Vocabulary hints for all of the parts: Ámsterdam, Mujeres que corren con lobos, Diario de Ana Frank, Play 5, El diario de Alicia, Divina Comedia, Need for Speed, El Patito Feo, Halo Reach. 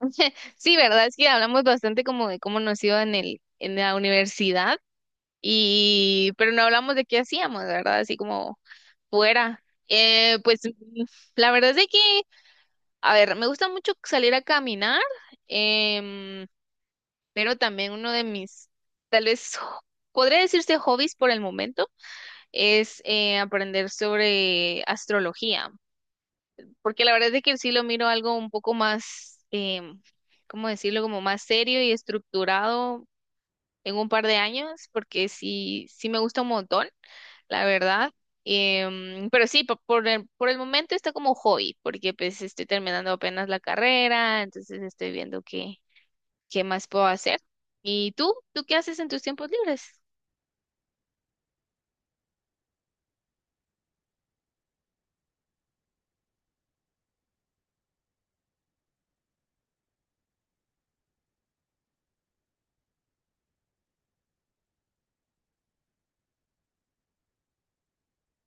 Sí, ¿verdad? Es que hablamos bastante como de cómo nos iba en la universidad y, pero no hablamos de qué hacíamos, ¿verdad? Así como fuera. La verdad es de que, a ver, me gusta mucho salir a caminar, em, pero también uno de mis, tal vez, podría decirse hobbies por el momento, es aprender sobre astrología. Porque la verdad es que sí lo miro algo un poco más, ¿cómo decirlo? Como más serio y estructurado en un par de años, porque sí, sí me gusta un montón, la verdad. Pero sí, por por el momento está como hobby, porque pues estoy terminando apenas la carrera, entonces estoy viendo qué, qué más puedo hacer. ¿Y tú? ¿Tú qué haces en tus tiempos libres?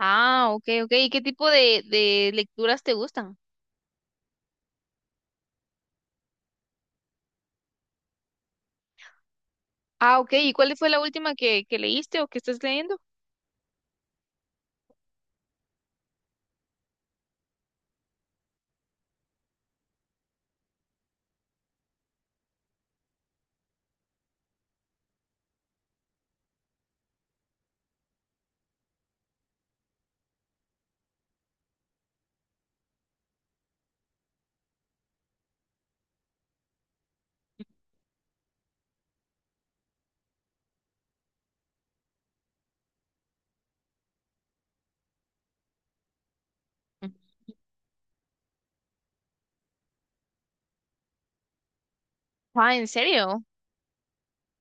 Ah, ok, ok. ¿Y qué tipo de lecturas te gustan? Ah, ok. ¿Y cuál fue la última que leíste o que estás leyendo? Ah, ¿en serio?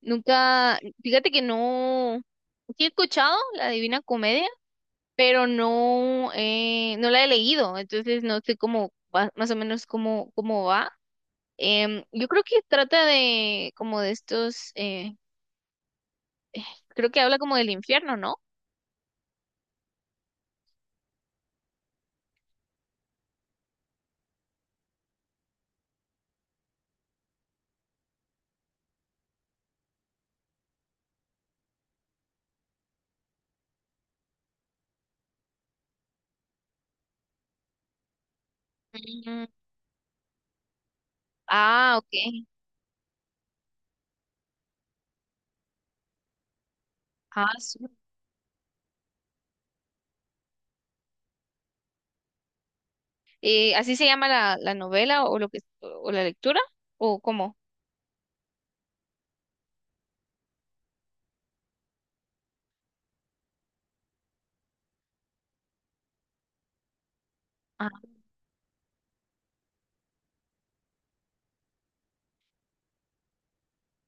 Nunca, fíjate que no, sí he escuchado la Divina Comedia, pero no, no la he leído, entonces no sé más o menos cómo, cómo va. Yo creo que trata de como de estos, creo que habla como del infierno, ¿no? Mm, ah, ok. Ah, su- ¿Así se llama la novela o lo que o la lectura? ¿O cómo?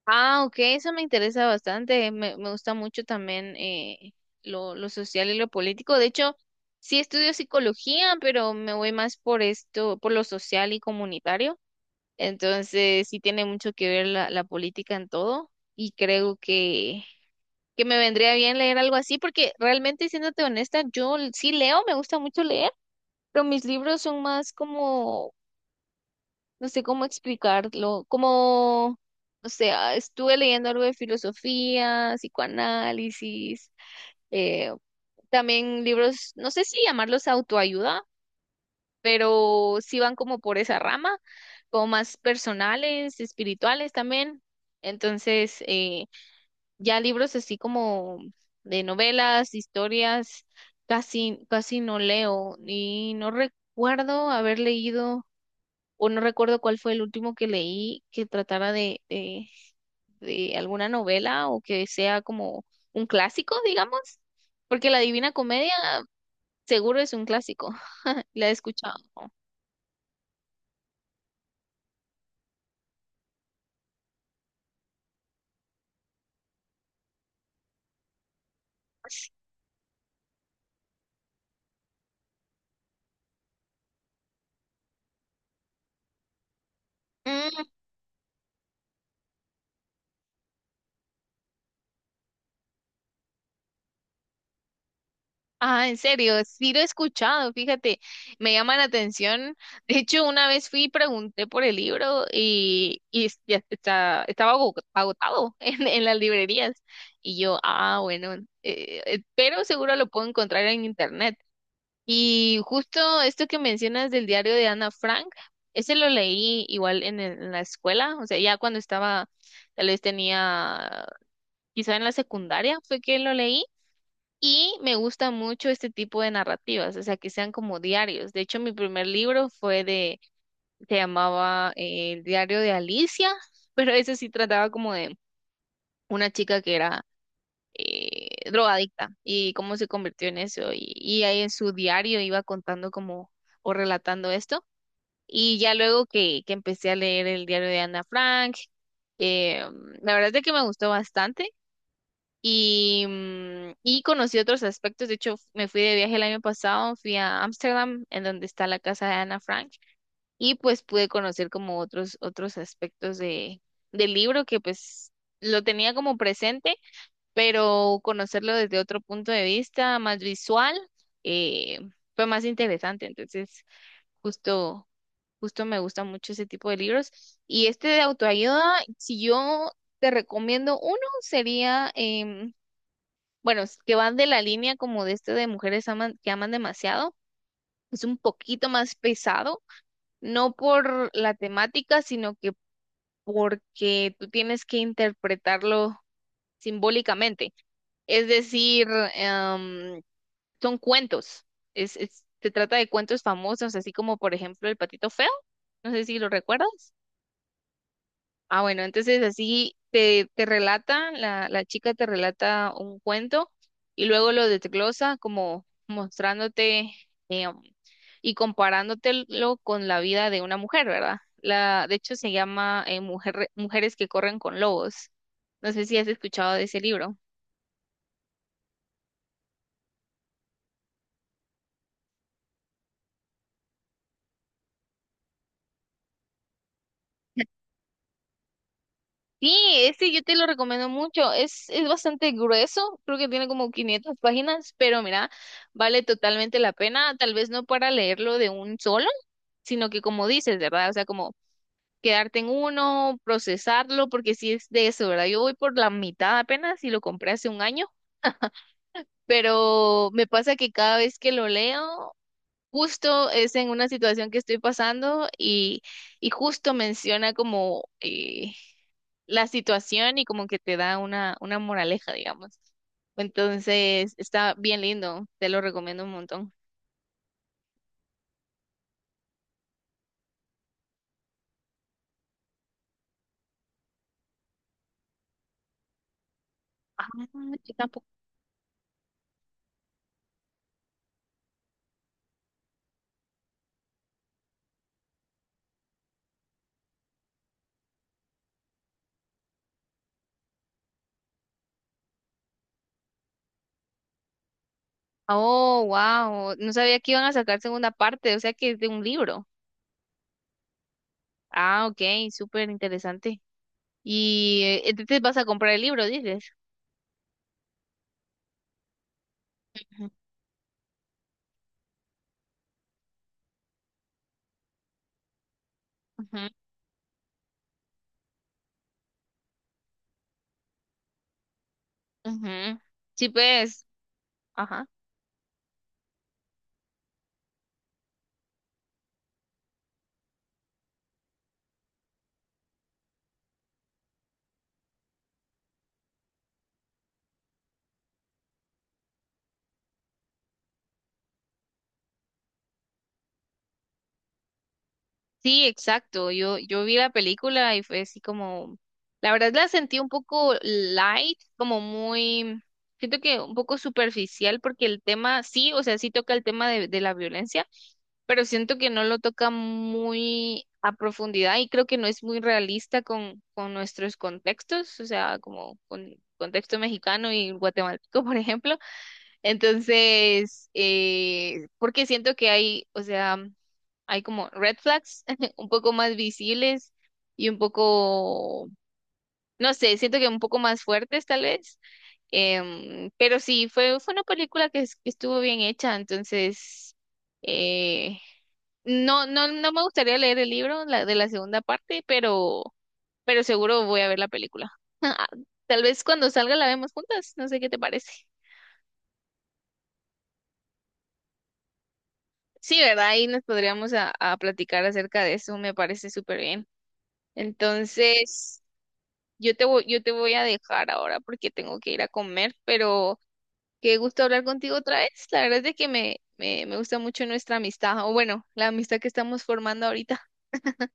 Ah, ok, eso me interesa bastante. Me gusta mucho también lo social y lo político. De hecho, sí estudio psicología, pero me voy más por esto, por lo social y comunitario. Entonces, sí tiene mucho que ver la política en todo y creo que me vendría bien leer algo así porque realmente, siéndote honesta, sí leo, me gusta mucho leer, pero mis libros son más como no sé cómo explicarlo, como, o sea, estuve leyendo algo de filosofía, psicoanálisis, eh, también libros, no sé si llamarlos autoayuda, pero sí van como por esa rama, como más personales, espirituales también. Entonces, ya libros así como de novelas, historias, casi, casi no leo y no recuerdo haber leído o no recuerdo cuál fue el último que leí que tratara de alguna novela o que sea como un clásico, digamos, porque La Divina Comedia seguro es un clásico, la he escuchado. Mm, ah, en serio, sí lo he escuchado, fíjate, me llama la atención. De hecho, una vez fui y pregunté por el libro y, ya está, agotado en las librerías. Y yo, ah, bueno, pero seguro lo puedo encontrar en internet. Y justo esto que mencionas del diario de Ana Frank, ese lo leí igual en, en la escuela, o sea, ya cuando estaba, tal vez tenía, quizá en la secundaria fue que lo leí. Y me gusta mucho este tipo de narrativas, o sea, que sean como diarios. De hecho, mi primer libro fue de, se llamaba El diario de Alicia, pero ese sí trataba como de una chica que era drogadicta y cómo se convirtió en eso. Y ahí en su diario iba contando como o relatando esto. Y ya luego que empecé a leer el diario de Ana Frank, eh, la verdad es de que me gustó bastante y, mm, y conocí otros aspectos. De hecho, me fui de viaje el año pasado, fui a Ámsterdam, en donde está la casa de Ana Frank, y pues pude conocer como otros, otros aspectos de, del libro que pues lo tenía como presente pero conocerlo desde otro punto de vista más visual eh, fue más interesante. Entonces, justo, justo me gusta mucho ese tipo de libros. Y este de autoayuda, si yo te recomiendo uno, sería, bueno, que van de la línea como de este de que aman demasiado. Es un poquito más pesado, no por la temática, sino que porque tú tienes que interpretarlo simbólicamente. Es decir, em, son cuentos. Es, se trata de cuentos famosos, así como por ejemplo El Patito Feo. No sé si lo recuerdas. Ah, bueno, entonces así te, te relata, la chica te relata un cuento y luego lo desglosa como mostrándote eh, y comparándotelo con la vida de una mujer, ¿verdad? La, de hecho se llama Mujeres que corren con lobos. No sé si has escuchado de ese libro. Sí, este yo te lo recomiendo mucho. Es bastante grueso, creo que tiene como 500 páginas, pero mira, vale totalmente la pena. Tal vez no para leerlo de un solo, sino que como dices, ¿verdad? O sea, como quedarte en uno, procesarlo, porque sí es de eso, ¿verdad? Yo voy por la mitad apenas y lo compré hace un año, pero me pasa que cada vez que lo leo, justo es en una situación que estoy pasando y justo menciona como... la situación y como que te da una moraleja, digamos. Entonces, está bien lindo, te lo recomiendo un montón. Ah, yo tampoco. Oh, wow, no sabía que iban a sacar segunda parte, o sea que es de un libro. Ah, ok, súper interesante. Y entonces vas a comprar el libro, dices. Ujú, ujú, ujú. Sí, pues. Ajá. Sí, exacto. Yo vi la película y fue así como, la verdad la sentí un poco light, como muy, siento que un poco superficial porque el tema, sí, o sea, sí toca el tema de la violencia, pero siento que no lo toca muy a profundidad y creo que no es muy realista con nuestros contextos, o sea, como con contexto mexicano y guatemalteco, por ejemplo. Entonces, porque siento que hay, o sea hay como red flags un poco más visibles y un poco, no sé, siento que un poco más fuertes tal vez. Pero sí, fue, fue una película que estuvo bien hecha, entonces eh, no, no, no me gustaría leer el libro de la segunda parte, pero seguro voy a ver la película. Tal vez cuando salga la vemos juntas, no sé qué te parece. Sí, ¿verdad? Ahí nos podríamos a platicar acerca de eso, me parece súper bien. Entonces, yo te voy a dejar ahora porque tengo que ir a comer, pero qué gusto hablar contigo otra vez. La verdad es de que me gusta mucho nuestra amistad, o bueno, la amistad que estamos formando ahorita.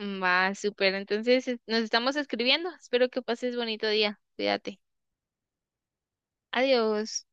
Va, súper. Entonces, nos estamos escribiendo. Espero que pases bonito día. Cuídate. Adiós.